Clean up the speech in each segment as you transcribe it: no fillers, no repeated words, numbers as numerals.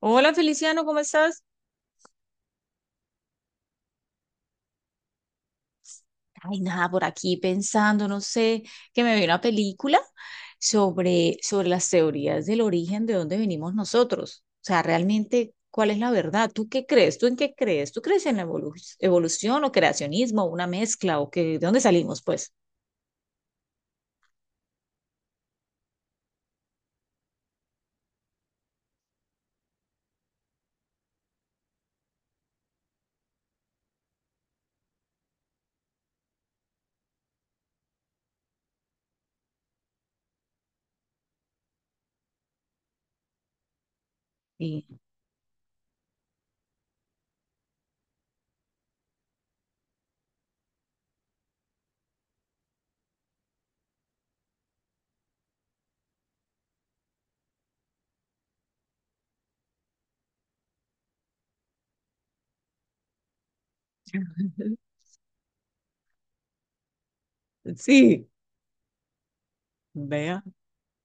Hola Feliciano, ¿cómo estás? Ay, nada, por aquí pensando, no sé, que me vi una película sobre las teorías del origen de dónde venimos nosotros. O sea, realmente, ¿cuál es la verdad? ¿Tú qué crees? ¿Tú en qué crees? ¿Tú crees en la evolución o creacionismo, una mezcla o que de dónde salimos, pues? Y sí, vea.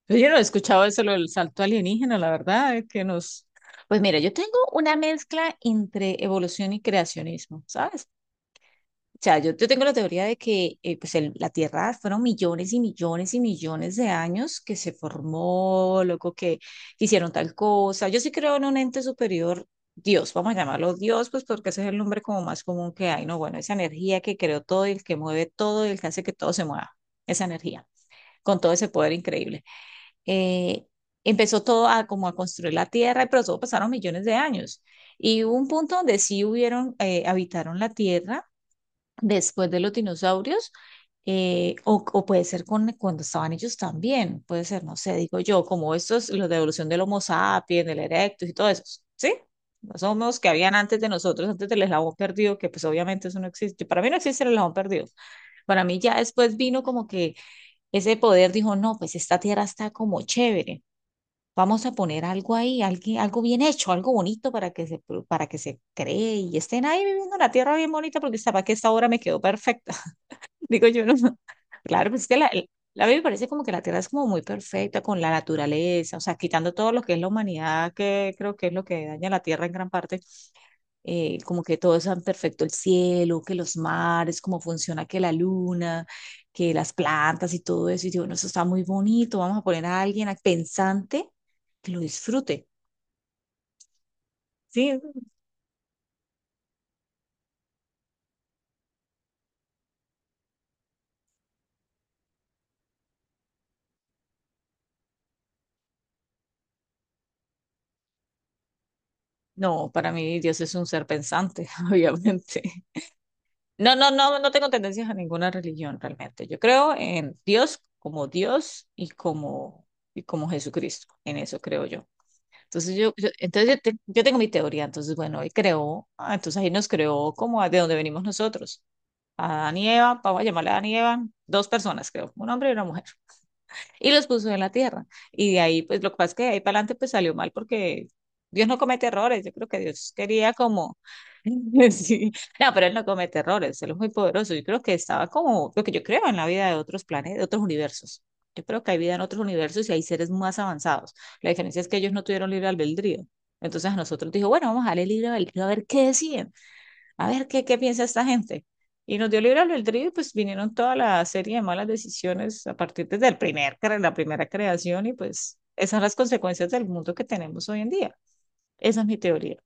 Pero yo no he escuchado eso, lo del salto alienígena, la verdad, es que nos... Pues mira, yo tengo una mezcla entre evolución y creacionismo, ¿sabes? O sea, yo tengo la teoría de que pues la Tierra fueron millones y millones y millones de años que se formó, luego que hicieron tal cosa. Yo sí creo en un ente superior, Dios, vamos a llamarlo Dios, pues porque ese es el nombre como más común que hay, ¿no? Bueno, esa energía que creó todo y el que mueve todo y el que hace que todo se mueva, esa energía, con todo ese poder increíble. Eh, Empezó todo a como a construir la Tierra, pero todo pasaron millones de años. Y hubo un punto donde sí hubieron, habitaron la Tierra después de los dinosaurios, o puede ser cuando estaban ellos también, puede ser, no sé, digo yo, como estos, los de evolución del Homo sapiens, del Erectus y todo eso, ¿sí? Los homos que habían antes de nosotros, antes del eslabón perdido, que pues obviamente eso no existe, para mí no existe el eslabón perdido. Para mí ya después vino como que ese poder dijo, no, pues esta tierra está como chévere. Vamos a poner algo ahí, algo bien hecho, algo bonito para que se, para que se cree y estén ahí viviendo la tierra bien bonita porque sabes que esta obra me quedó perfecta. Digo yo, no. No. Claro, pues es que la a mí me parece como que la tierra es como muy perfecta con la naturaleza, o sea, quitando todo lo que es la humanidad, que creo que es lo que daña la tierra en gran parte, como que todo es tan perfecto, el cielo, que los mares, cómo funciona que la luna, que las plantas y todo eso. Y yo, bueno, eso está muy bonito, vamos a poner a pensante que lo disfrute. Sí, no, para mí Dios es un ser pensante, obviamente. No, no tengo tendencias a ninguna religión realmente. Yo creo en Dios como Dios y como Jesucristo. En eso creo yo. Entonces entonces yo tengo mi teoría, entonces bueno, él creó, ah, entonces ahí nos creó como de donde venimos nosotros, a Adán y Eva, vamos a llamarle a Adán y Eva, dos personas creo, un hombre y una mujer y los puso en la tierra. Y de ahí, pues lo que pasa es que de ahí para adelante pues salió mal porque Dios no comete errores, yo creo que Dios quería como... Sí. No, pero él no comete errores, él es muy poderoso. Yo creo que estaba como lo que yo creo en la vida de otros planetas, de otros universos. Yo creo que hay vida en otros universos y hay seres más avanzados. La diferencia es que ellos no tuvieron libre albedrío. Entonces a nosotros dijo, bueno, vamos a darle libre albedrío a ver qué deciden, a ver qué piensa esta gente. Y nos dio libre albedrío y pues vinieron toda la serie de malas decisiones a partir desde el primer, la primera creación y pues esas son las consecuencias del mundo que tenemos hoy en día. Esa es mi teoría.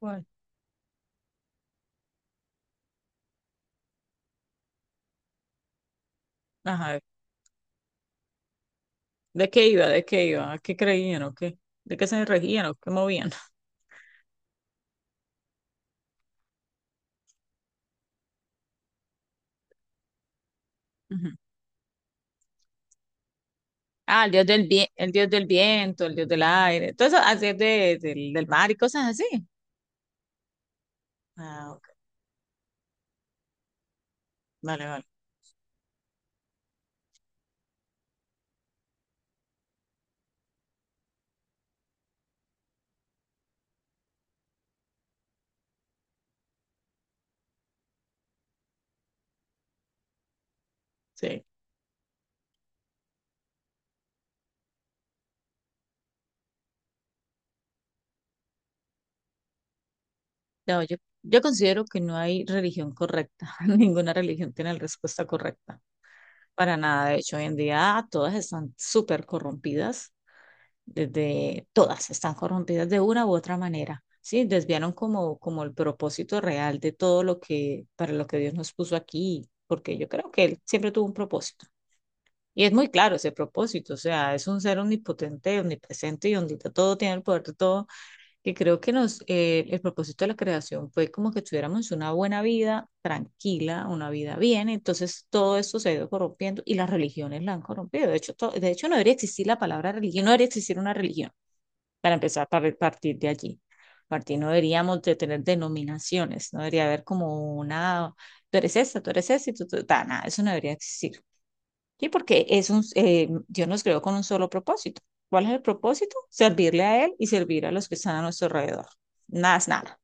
Bueno, ajá. ¿De qué iba? ¿De qué iba? ¿A qué creían o qué? ¿De qué se regían o qué movían? Ujú. Ah, el dios del bien, el dios del viento, el dios del aire, todo eso, así es de, del mar y cosas así. Ah, ok. Vale, vale. Sí. No, yo considero que no hay religión correcta. Ninguna religión tiene la respuesta correcta. Para nada. De hecho, hoy en día todas están súper corrompidas. Desde todas están corrompidas de una u otra manera. Sí, desviaron como, como el propósito real de todo lo que, para lo que Dios nos puso aquí, porque yo creo que Él siempre tuvo un propósito. Y es muy claro ese propósito, o sea, es un ser omnipotente, omnipresente y donde todo tiene el poder de todo, que creo que nos, el propósito de la creación fue como que tuviéramos una buena vida tranquila, una vida bien, entonces todo esto se ha ido corrompiendo y las religiones la han corrompido. De hecho, de hecho no debería existir la palabra religión, no debería existir una religión, para empezar, para partir de allí. Partir, no deberíamos de tener denominaciones, no debería haber como una, tú eres esta, y tú, nada, eso no debería existir. Sí, porque es un, Dios nos creó con un solo propósito. ¿Cuál es el propósito? Servirle a Él y servir a los que están a nuestro alrededor. Nada es nada.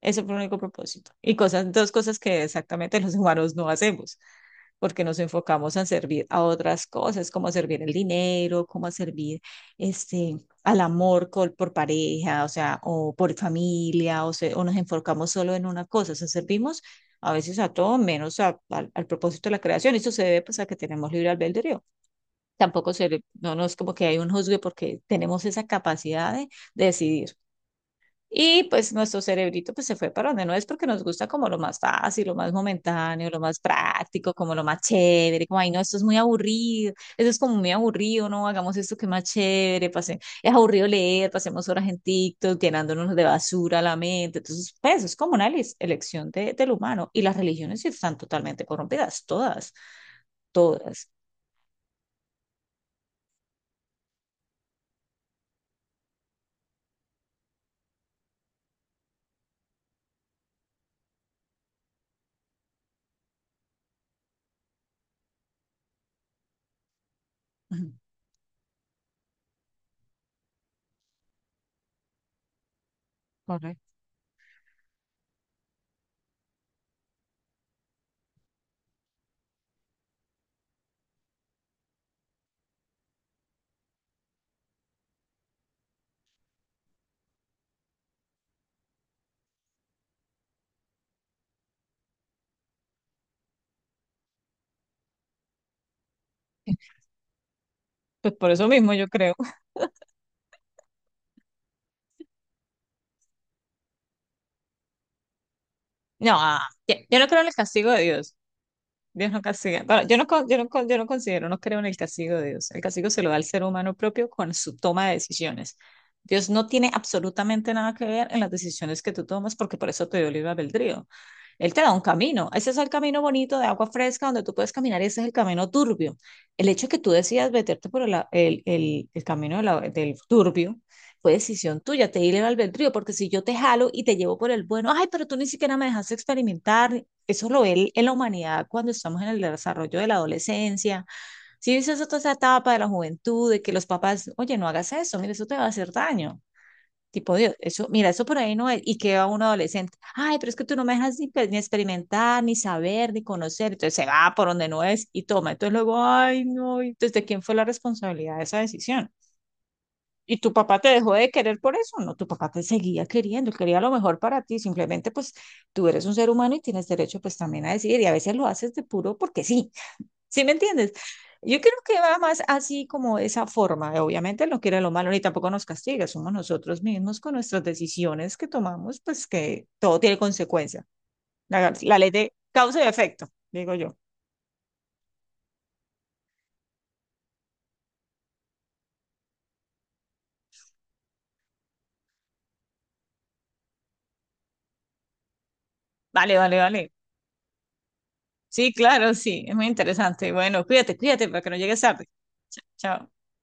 Ese fue el único propósito. Y cosas, dos cosas que exactamente los humanos no hacemos, porque nos enfocamos en servir a otras cosas, como a servir el dinero, como a servir este, al amor por pareja, o sea, o por familia, o, o nos enfocamos solo en una cosa, o sea, servimos a veces a todo menos al al propósito de la creación. Eso se debe pues, a que tenemos libre albedrío. Tampoco se, no, no es como que hay un juzgue porque tenemos esa capacidad de decidir. Y pues nuestro cerebrito pues se fue para donde no es porque nos gusta como lo más fácil, lo más momentáneo, lo más práctico, como lo más chévere, como ay no, esto es muy aburrido, eso es como muy aburrido, no, hagamos esto que es más chévere, pase, es aburrido leer, pasemos horas en TikTok llenándonos de basura la mente, entonces pues es como una elección de, del humano y las religiones sí están totalmente corrompidas, todas, todas. Ujú. Pues por eso mismo yo creo. No, ah, yo no creo en el castigo de Dios. Dios no castiga. Bueno, yo no considero, no creo en el castigo de Dios. El castigo se lo da al ser humano propio con su toma de decisiones. Dios no tiene absolutamente nada que ver en las decisiones que tú tomas porque por eso te dio libre albedrío. Él te da un camino. Ese es el camino bonito de agua fresca donde tú puedes caminar y ese es el camino turbio. El hecho que tú decidas meterte por el camino de del turbio fue decisión tuya, te di libre albedrío, porque si yo te jalo y te llevo por el bueno, ay, pero tú ni siquiera me dejaste experimentar. Eso lo ve en la humanidad cuando estamos en el desarrollo de la adolescencia. Si dices toda esa etapa de la juventud, de que los papás, oye, no hagas eso, mira, eso te va a hacer daño. Tipo, Dios, eso, mira, eso por ahí no es. Y queda un adolescente. Ay, pero es que tú no me dejas ni experimentar, ni saber, ni conocer. Entonces se va por donde no es y toma. Entonces luego, ay, no, ¿desde quién fue la responsabilidad de esa decisión? ¿Y tu papá te dejó de querer por eso? No, tu papá te seguía queriendo, él quería lo mejor para ti. Simplemente, pues, tú eres un ser humano y tienes derecho, pues, también a decidir. Y a veces lo haces de puro porque sí. ¿Sí me entiendes? Yo creo que va más así como de esa forma. Obviamente no quiere lo malo ni tampoco nos castiga. Somos nosotros mismos con nuestras decisiones que tomamos, pues que todo tiene consecuencia. La ley de causa y efecto, digo yo. Vale, vale, vale. Sí, claro, sí. Es muy interesante. Bueno, cuídate, cuídate para que no llegues tarde. Chao.